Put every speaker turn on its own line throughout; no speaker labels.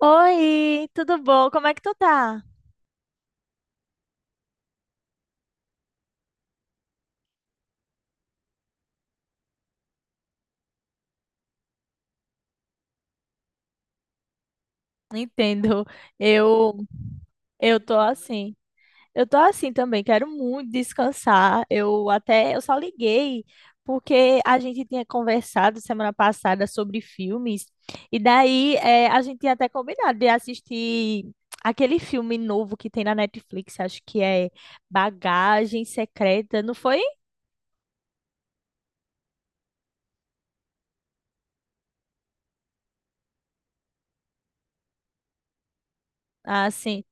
Oi, tudo bom? Como é que tu tá? Entendo. Eu eu tô assim. Eu tô assim também, quero muito descansar. Eu só liguei porque a gente tinha conversado semana passada sobre filmes e daí a gente tinha até combinado de assistir aquele filme novo que tem na Netflix, acho que é Bagagem Secreta, não foi? Assim,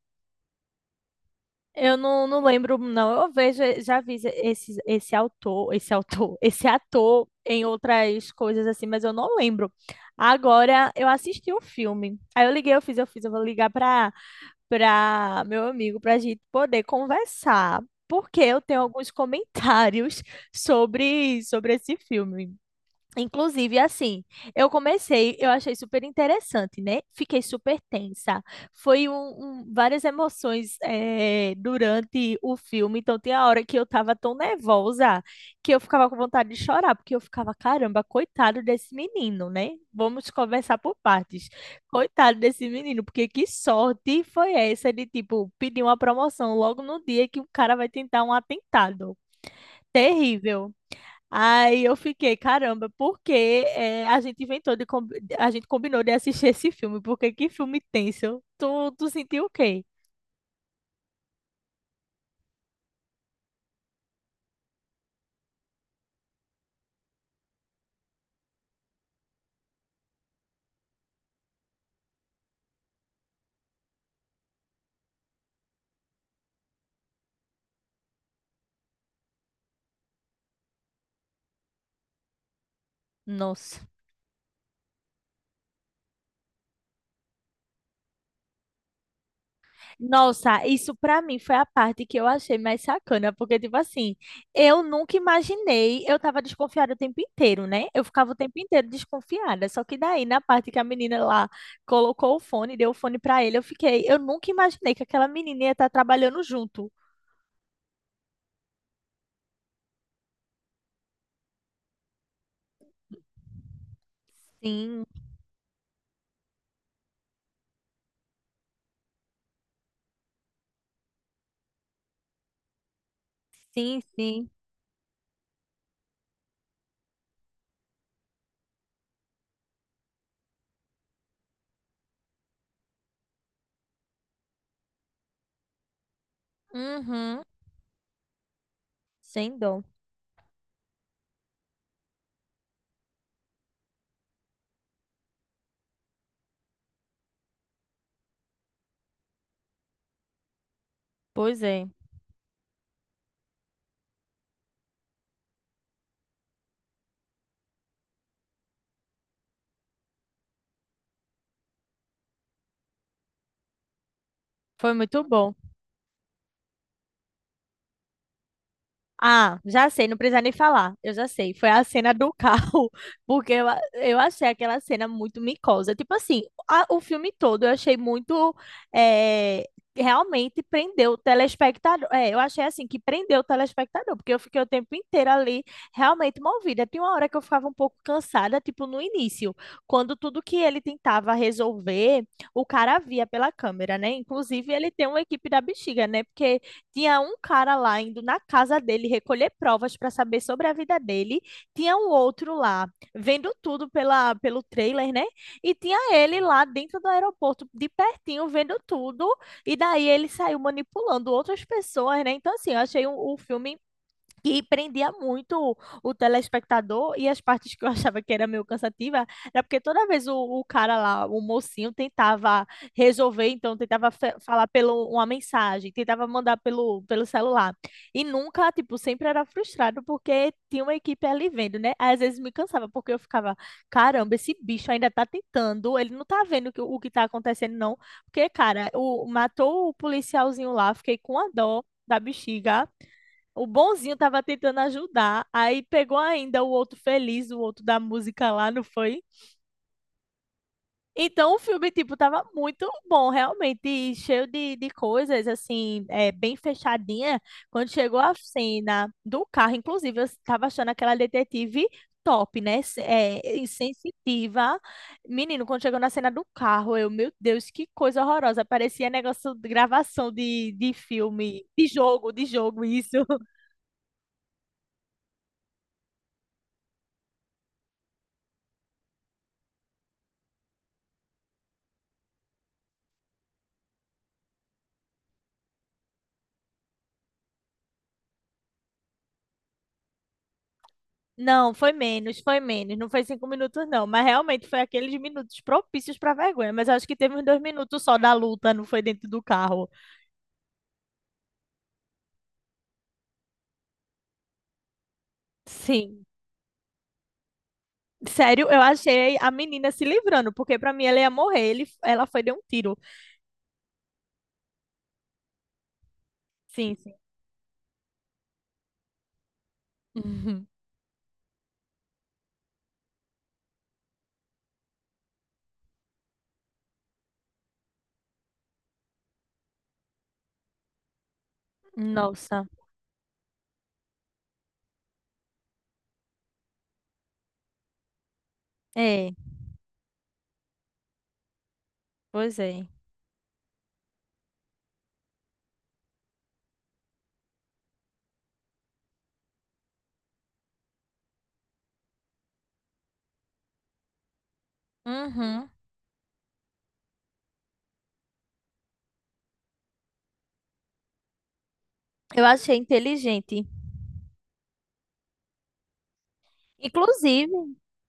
Eu não lembro, não. Eu vejo, já vi esse ator em outras coisas assim, mas eu não lembro. Agora eu assisti um filme. Aí eu liguei, eu vou ligar para meu amigo para a gente poder conversar, porque eu tenho alguns comentários sobre esse filme. Inclusive, assim, eu comecei, eu achei super interessante, né? Fiquei super tensa. Foi um, um- várias emoções durante o filme. Então, tem a hora que eu tava tão nervosa que eu ficava com vontade de chorar, porque eu ficava, caramba, coitado desse menino, né? Vamos conversar por partes. Coitado desse menino, porque que sorte foi essa de, tipo, pedir uma promoção logo no dia que o cara vai tentar um atentado. Terrível. Aí eu fiquei, caramba, por que eh, a gente inventou de com- a gente combinou de assistir esse filme? Porque que filme tenso? Tu sentiu o quê? Nossa. Nossa, isso pra mim foi a parte que eu achei mais sacana, porque tipo assim, eu nunca imaginei, eu tava desconfiada o tempo inteiro, né? Eu ficava o tempo inteiro desconfiada, só que daí na parte que a menina lá colocou o fone, deu o fone pra ele, eu fiquei, eu nunca imaginei que aquela menina ia estar trabalhando junto. Sim, sim, sim. Uhum. Sem dó. Pois é. Foi muito bom. Ah, já sei, não precisa nem falar. Eu já sei. Foi a cena do carro, porque eu achei aquela cena muito micosa. Tipo assim, o filme todo eu achei muito. eh, realmente prendeu o telespectador. É, eu achei assim que prendeu o telespectador, porque eu fiquei o tempo inteiro ali realmente movida. Tinha uma hora que eu ficava um pouco cansada, tipo no início, quando tudo que ele tentava resolver, o cara via pela câmera, né? Inclusive, ele tem uma equipe da bexiga, né? Porque tinha um cara lá indo na casa dele recolher provas para saber sobre a vida dele. Tinha um outro lá vendo tudo pelo trailer, né? E tinha ele lá dentro do aeroporto, de pertinho, vendo tudo. E daí ele saiu manipulando outras pessoas, né? Então, assim, eu achei o filme que prendia muito o telespectador e as partes que eu achava que era meio cansativa era porque toda vez o cara lá, o mocinho, tentava resolver, então falar pelo uma mensagem, tentava mandar pelo celular. E nunca, tipo, sempre era frustrado porque tinha uma equipe ali vendo, né? Às vezes me cansava porque eu ficava, caramba, esse bicho ainda tá tentando, ele não tá vendo o que tá acontecendo, não. Porque, cara, matou o policialzinho lá, fiquei com a dó da bexiga. O bonzinho tava tentando ajudar, aí pegou ainda o outro feliz, o outro da música lá, não foi? Então o filme, tipo, tava muito bom, realmente, e cheio de coisas, assim, é, bem fechadinha. Quando chegou a cena do carro, inclusive, eu tava achando aquela detetive top, né? É, insensitiva. Menino, quando chegou na cena do carro, eu, meu Deus, que coisa horrorosa. Parecia negócio de gravação de filme, de jogo, isso. Não, foi menos, foi menos. Não foi cinco minutos, não. Mas realmente foi aqueles minutos propícios para vergonha. Mas eu acho que teve uns dois minutos só da luta, não foi dentro do carro. Sim. Sério, eu achei a menina se livrando, porque pra mim ela ia morrer. Ela foi deu um tiro. Sim, sim. Uhum. Nossa. É, pois é. Uhum. Eu achei inteligente. Inclusive,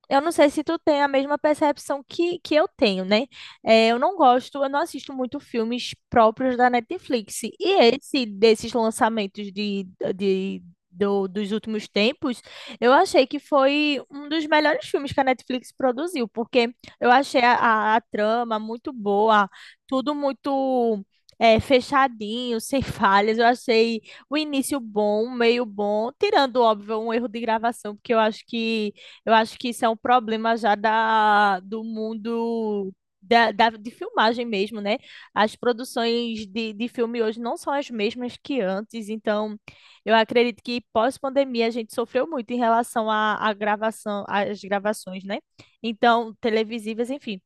eu não sei se tu tem a mesma percepção que eu tenho, né? É, eu não gosto, eu não assisto muito filmes próprios da Netflix. E esse, desses lançamentos de, dos últimos tempos, eu achei que foi um dos melhores filmes que a Netflix produziu, porque eu achei a trama muito boa, tudo muito. É, fechadinho, sem falhas. Eu achei o início bom, o meio bom, tirando, óbvio, um erro de gravação, porque eu acho que isso é um problema já do mundo de filmagem mesmo, né? As produções de filme hoje não são as mesmas que antes, então eu acredito que pós-pandemia a gente sofreu muito em relação à gravação, às gravações, né? Então, televisivas, enfim.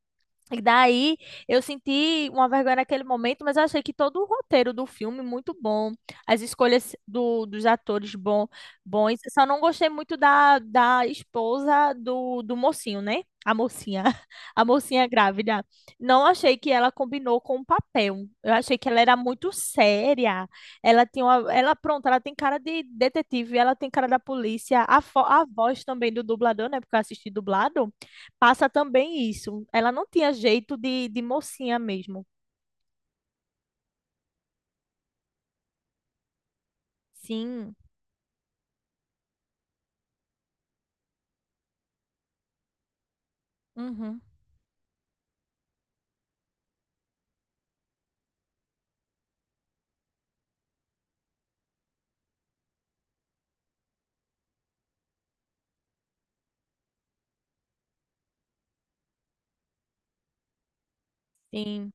E daí eu senti uma vergonha naquele momento, mas eu achei que todo o roteiro do filme muito bom, as escolhas dos atores bom, bons. Só não gostei muito da esposa do mocinho, né? A mocinha, a mocinha grávida. Não achei que ela combinou com o papel. Eu achei que ela era muito séria. Ela tinha uma, ela, pronto, ela tem cara de detetive, ela tem cara da polícia. A voz também do dublador, né? Porque eu assisti dublado. Passa também isso. Ela não tinha jeito de mocinha mesmo. Sim. Uhum. Sim.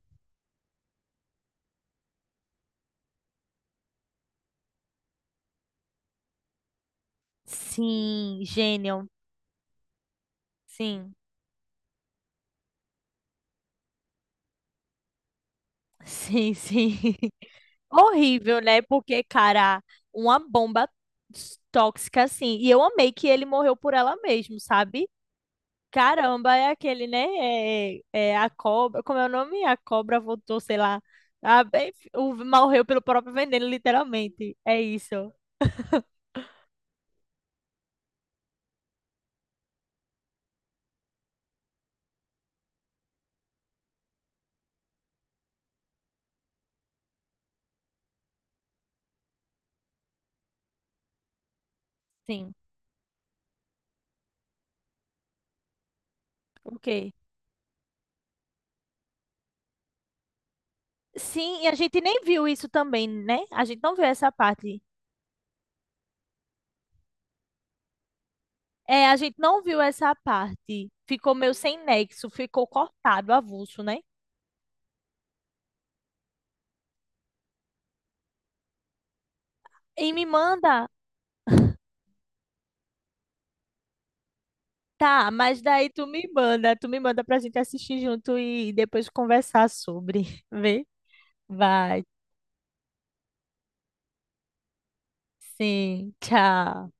Sim. Gênio. Sim. Sim, sim. Horrível, né? Porque, cara, uma bomba tóxica assim. E eu amei que ele morreu por ela mesmo, sabe? Caramba, é aquele, né? É, é a cobra. Como é o nome? A cobra voltou, sei lá. A, é, morreu pelo próprio veneno, literalmente. É isso. Sim. Ok. Sim, e a gente nem viu isso também, né? A gente não viu essa parte. É, a gente não viu essa parte. Ficou meio sem nexo, ficou cortado, avulso, né? E me manda. Tá, mas daí tu me manda pra gente assistir junto e depois conversar sobre. Vê? Vai. Sim, tchau.